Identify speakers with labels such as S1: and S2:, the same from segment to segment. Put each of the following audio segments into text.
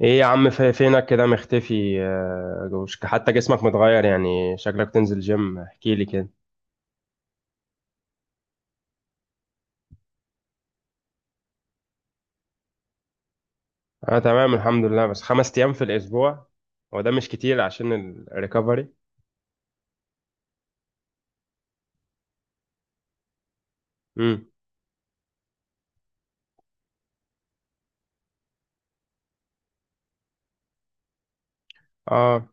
S1: ايه يا عم، فينك كده مختفي؟ حتى جسمك متغير، يعني شكلك تنزل جيم. احكي لي كده. انا تمام، الحمد لله. بس 5 ايام في الاسبوع؟ هو ده مش كتير عشان الريكفري؟ امم. اه.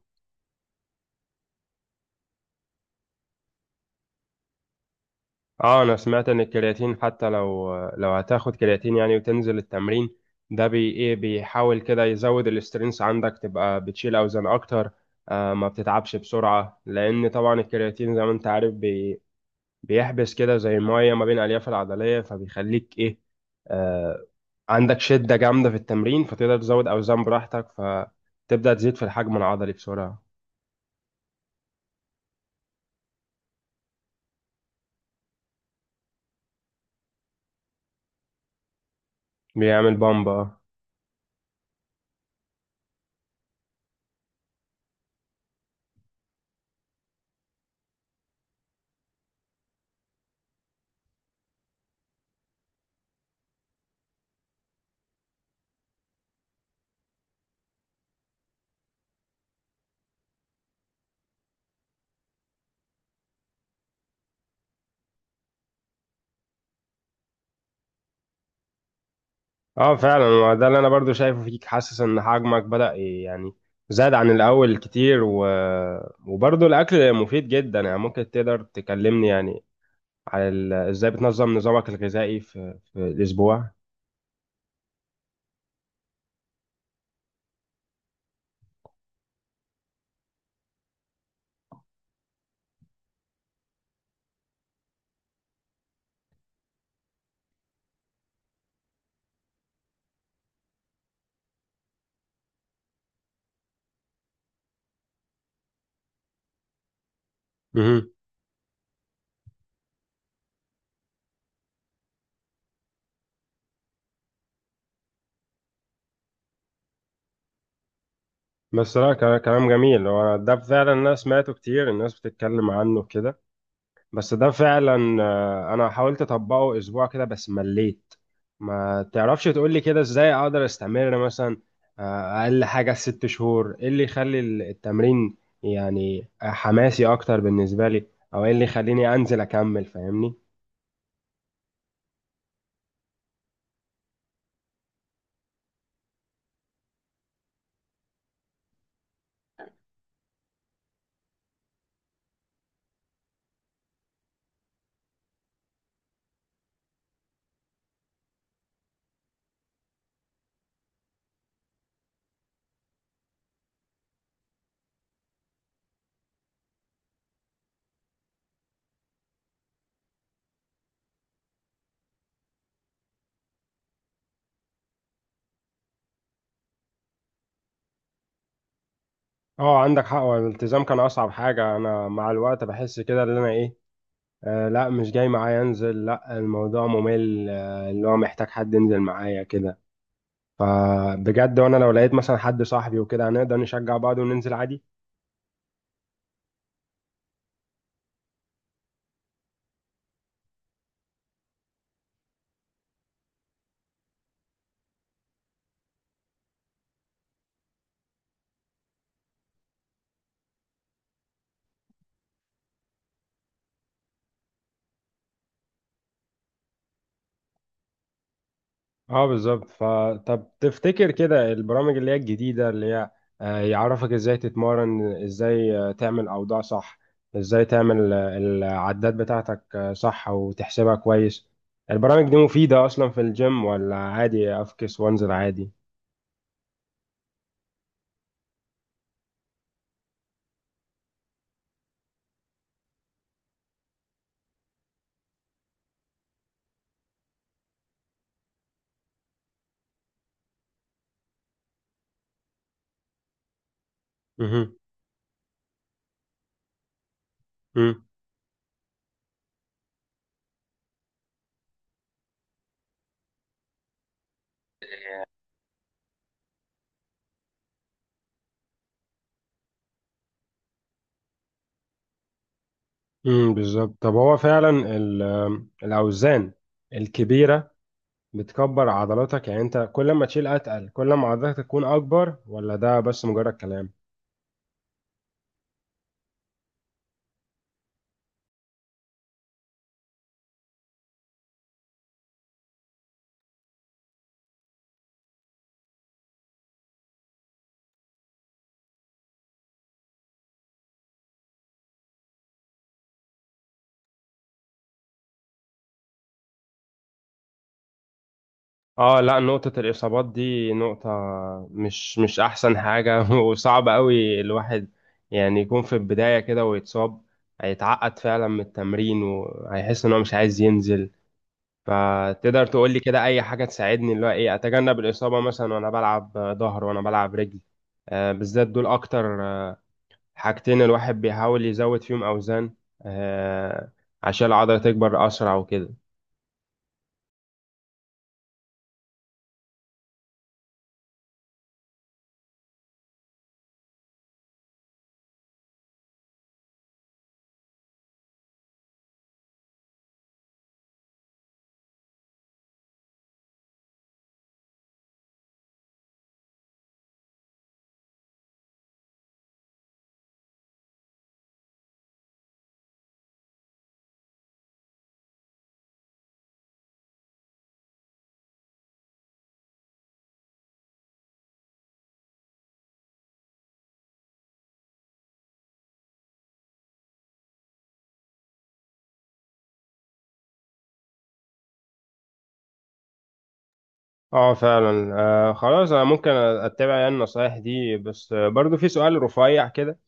S1: اه، انا سمعت ان الكرياتين حتى لو هتاخد كرياتين، يعني وتنزل التمرين ده بي ايه، بيحاول كده يزود الاسترينس عندك، تبقى بتشيل اوزان اكتر. ما بتتعبش بسرعة، لان طبعا الكرياتين زي ما انت عارف بيحبس كده زي ميه ما بين الالياف العضليه، فبيخليك ايه؟ آه. عندك شده جامده في التمرين، فتقدر تزود اوزان براحتك، فتبدا تزيد في الحجم العضلي بسرعه. بيعمل بامب، اه. اه فعلا، هو ده اللي انا برضو شايفه فيك. حاسس ان حجمك بدا يعني زاد عن الاول كتير. و... وبرضو الاكل مفيد جدا. يعني ممكن تقدر تكلمني، يعني على ازاي بتنظم نظامك الغذائي في الاسبوع؟ بس لا، كلام جميل. هو ده فعلا، انا سمعته كتير، الناس بتتكلم عنه كده. بس ده فعلا، انا حاولت اطبقه اسبوع كده بس مليت. ما تعرفش تقولي كده ازاي اقدر استمر مثلا، اقل حاجة 6 شهور؟ ايه اللي يخلي التمرين يعني حماسي اكتر بالنسبة لي؟ او ايه اللي يخليني انزل اكمل، فاهمني؟ اه، عندك حق. هو الالتزام كان اصعب حاجة. انا مع الوقت بحس كده ان انا ايه، لا، مش جاي معايا انزل، لا الموضوع ممل، اللي هو محتاج حد ينزل معايا كده. فبجد، وانا لو لقيت مثلا حد صاحبي وكده هنقدر نشجع بعض وننزل عادي. اه بالظبط. فطب تفتكر كده البرامج اللي هي الجديدة، اللي هي يعرفك ازاي تتمرن، ازاي تعمل اوضاع صح، ازاي تعمل العدات بتاعتك صح وتحسبها كويس، البرامج دي مفيدة اصلا في الجيم ولا عادي افكس وانزل عادي؟ مهم. مم. بالظبط. طب هو فعلا الاوزان الكبيره بتكبر عضلاتك، يعني انت كل ما تشيل اتقل كل ما عضلاتك تكون اكبر، ولا ده بس مجرد كلام؟ اه لا، نقطة الإصابات دي نقطة مش أحسن حاجة وصعب قوي الواحد يعني يكون في البداية كده ويتصاب، هيتعقد فعلا من التمرين وهيحس إن هو مش عايز ينزل. فتقدر تقول لي كده اي حاجه تساعدني، اللي هو ايه اتجنب الاصابه مثلا وانا بلعب ظهر وانا بلعب رجل، بالذات دول اكتر، حاجتين الواحد بيحاول يزود فيهم اوزان، آه، عشان العضله تكبر اسرع وكده. اه فعلا، خلاص انا ممكن اتبع يعني النصايح دي، بس برضو في سؤال رفيع كده.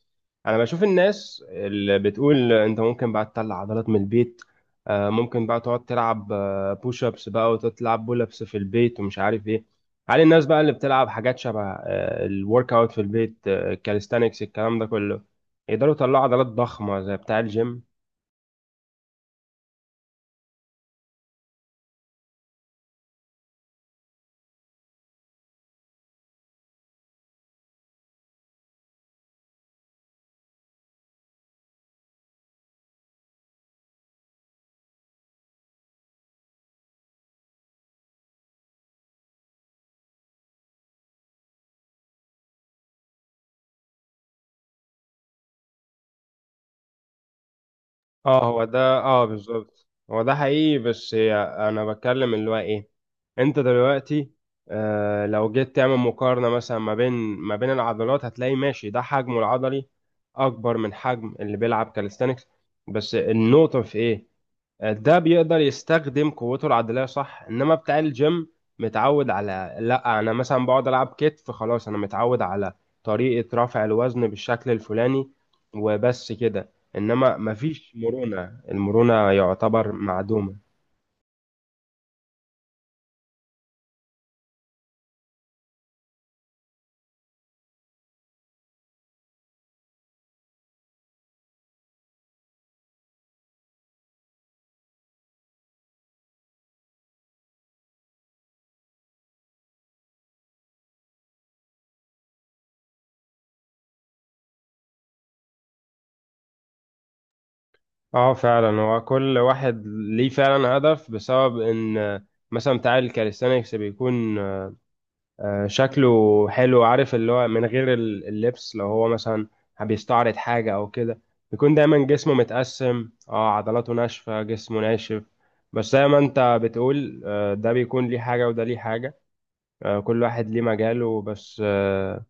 S1: انا بشوف الناس اللي بتقول انت ممكن بقى تطلع عضلات من البيت، ممكن بقى تقعد تلعب بوش ابس بقى وتلعب بول ابس في البيت ومش عارف ايه. هل الناس بقى اللي بتلعب حاجات شبه الورك اوت في البيت، كاليستانكس، الكلام ده كله يقدروا يطلعوا عضلات ضخمة زي بتاع الجيم؟ اه هو ده، اه بالظبط هو ده حقيقي. بس هي انا بتكلم اللي هو ايه، انت دلوقتي لو جيت تعمل مقارنة مثلا ما بين العضلات، هتلاقي ماشي ده حجمه العضلي اكبر من حجم اللي بيلعب كاليستانكس. بس النقطة في ايه؟ ده بيقدر يستخدم قوته العضلية صح، انما بتاع الجيم متعود على، لا انا مثلا بقعد العب كتف خلاص، انا متعود على طريقة رفع الوزن بالشكل الفلاني وبس كده. انما مفيش مرونة، المرونة يعتبر معدومة. اه فعلا، هو كل واحد ليه فعلا هدف، بسبب ان مثلا بتاع الكاليستانكس بيكون شكله حلو، عارف اللي هو من غير اللبس لو هو مثلا بيستعرض حاجة أو كده، بيكون دايما جسمه متقسم، اه عضلاته ناشفة جسمه ناشف. بس زي ما انت بتقول، ده بيكون ليه حاجة وده ليه حاجة، كل واحد ليه مجاله، بس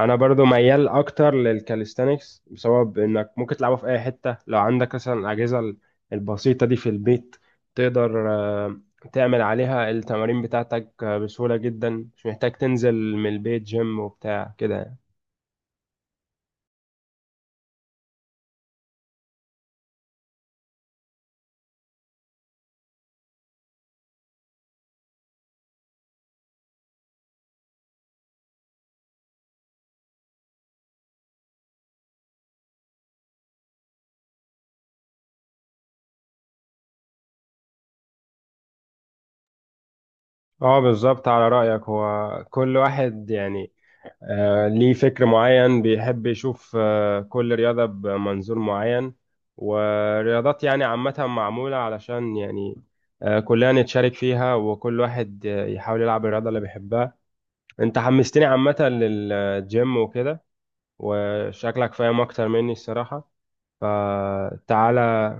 S1: انا برضو ميال اكتر للكاليستانكس بسبب انك ممكن تلعبه في اي حته لو عندك مثلا الاجهزه البسيطه دي في البيت، تقدر تعمل عليها التمارين بتاعتك بسهوله جدا، مش محتاج تنزل من البيت جيم وبتاع كده يعني. اه بالظبط، على رايك هو كل واحد يعني ليه فكر معين، بيحب يشوف كل رياضة بمنظور معين، ورياضات يعني عامة معمولة علشان يعني كلنا نتشارك فيها، وكل واحد يحاول يلعب الرياضة اللي بيحبها. انت حمستني عامة للجيم وكده، وشكلك فاهم أكتر مني الصراحة، فتعالى.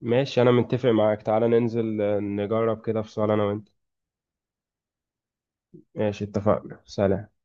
S1: ماشي، أنا متفق معاك. تعالى ننزل نجرب كده في صالة أنا وأنت. ماشي، اتفقنا. سلام.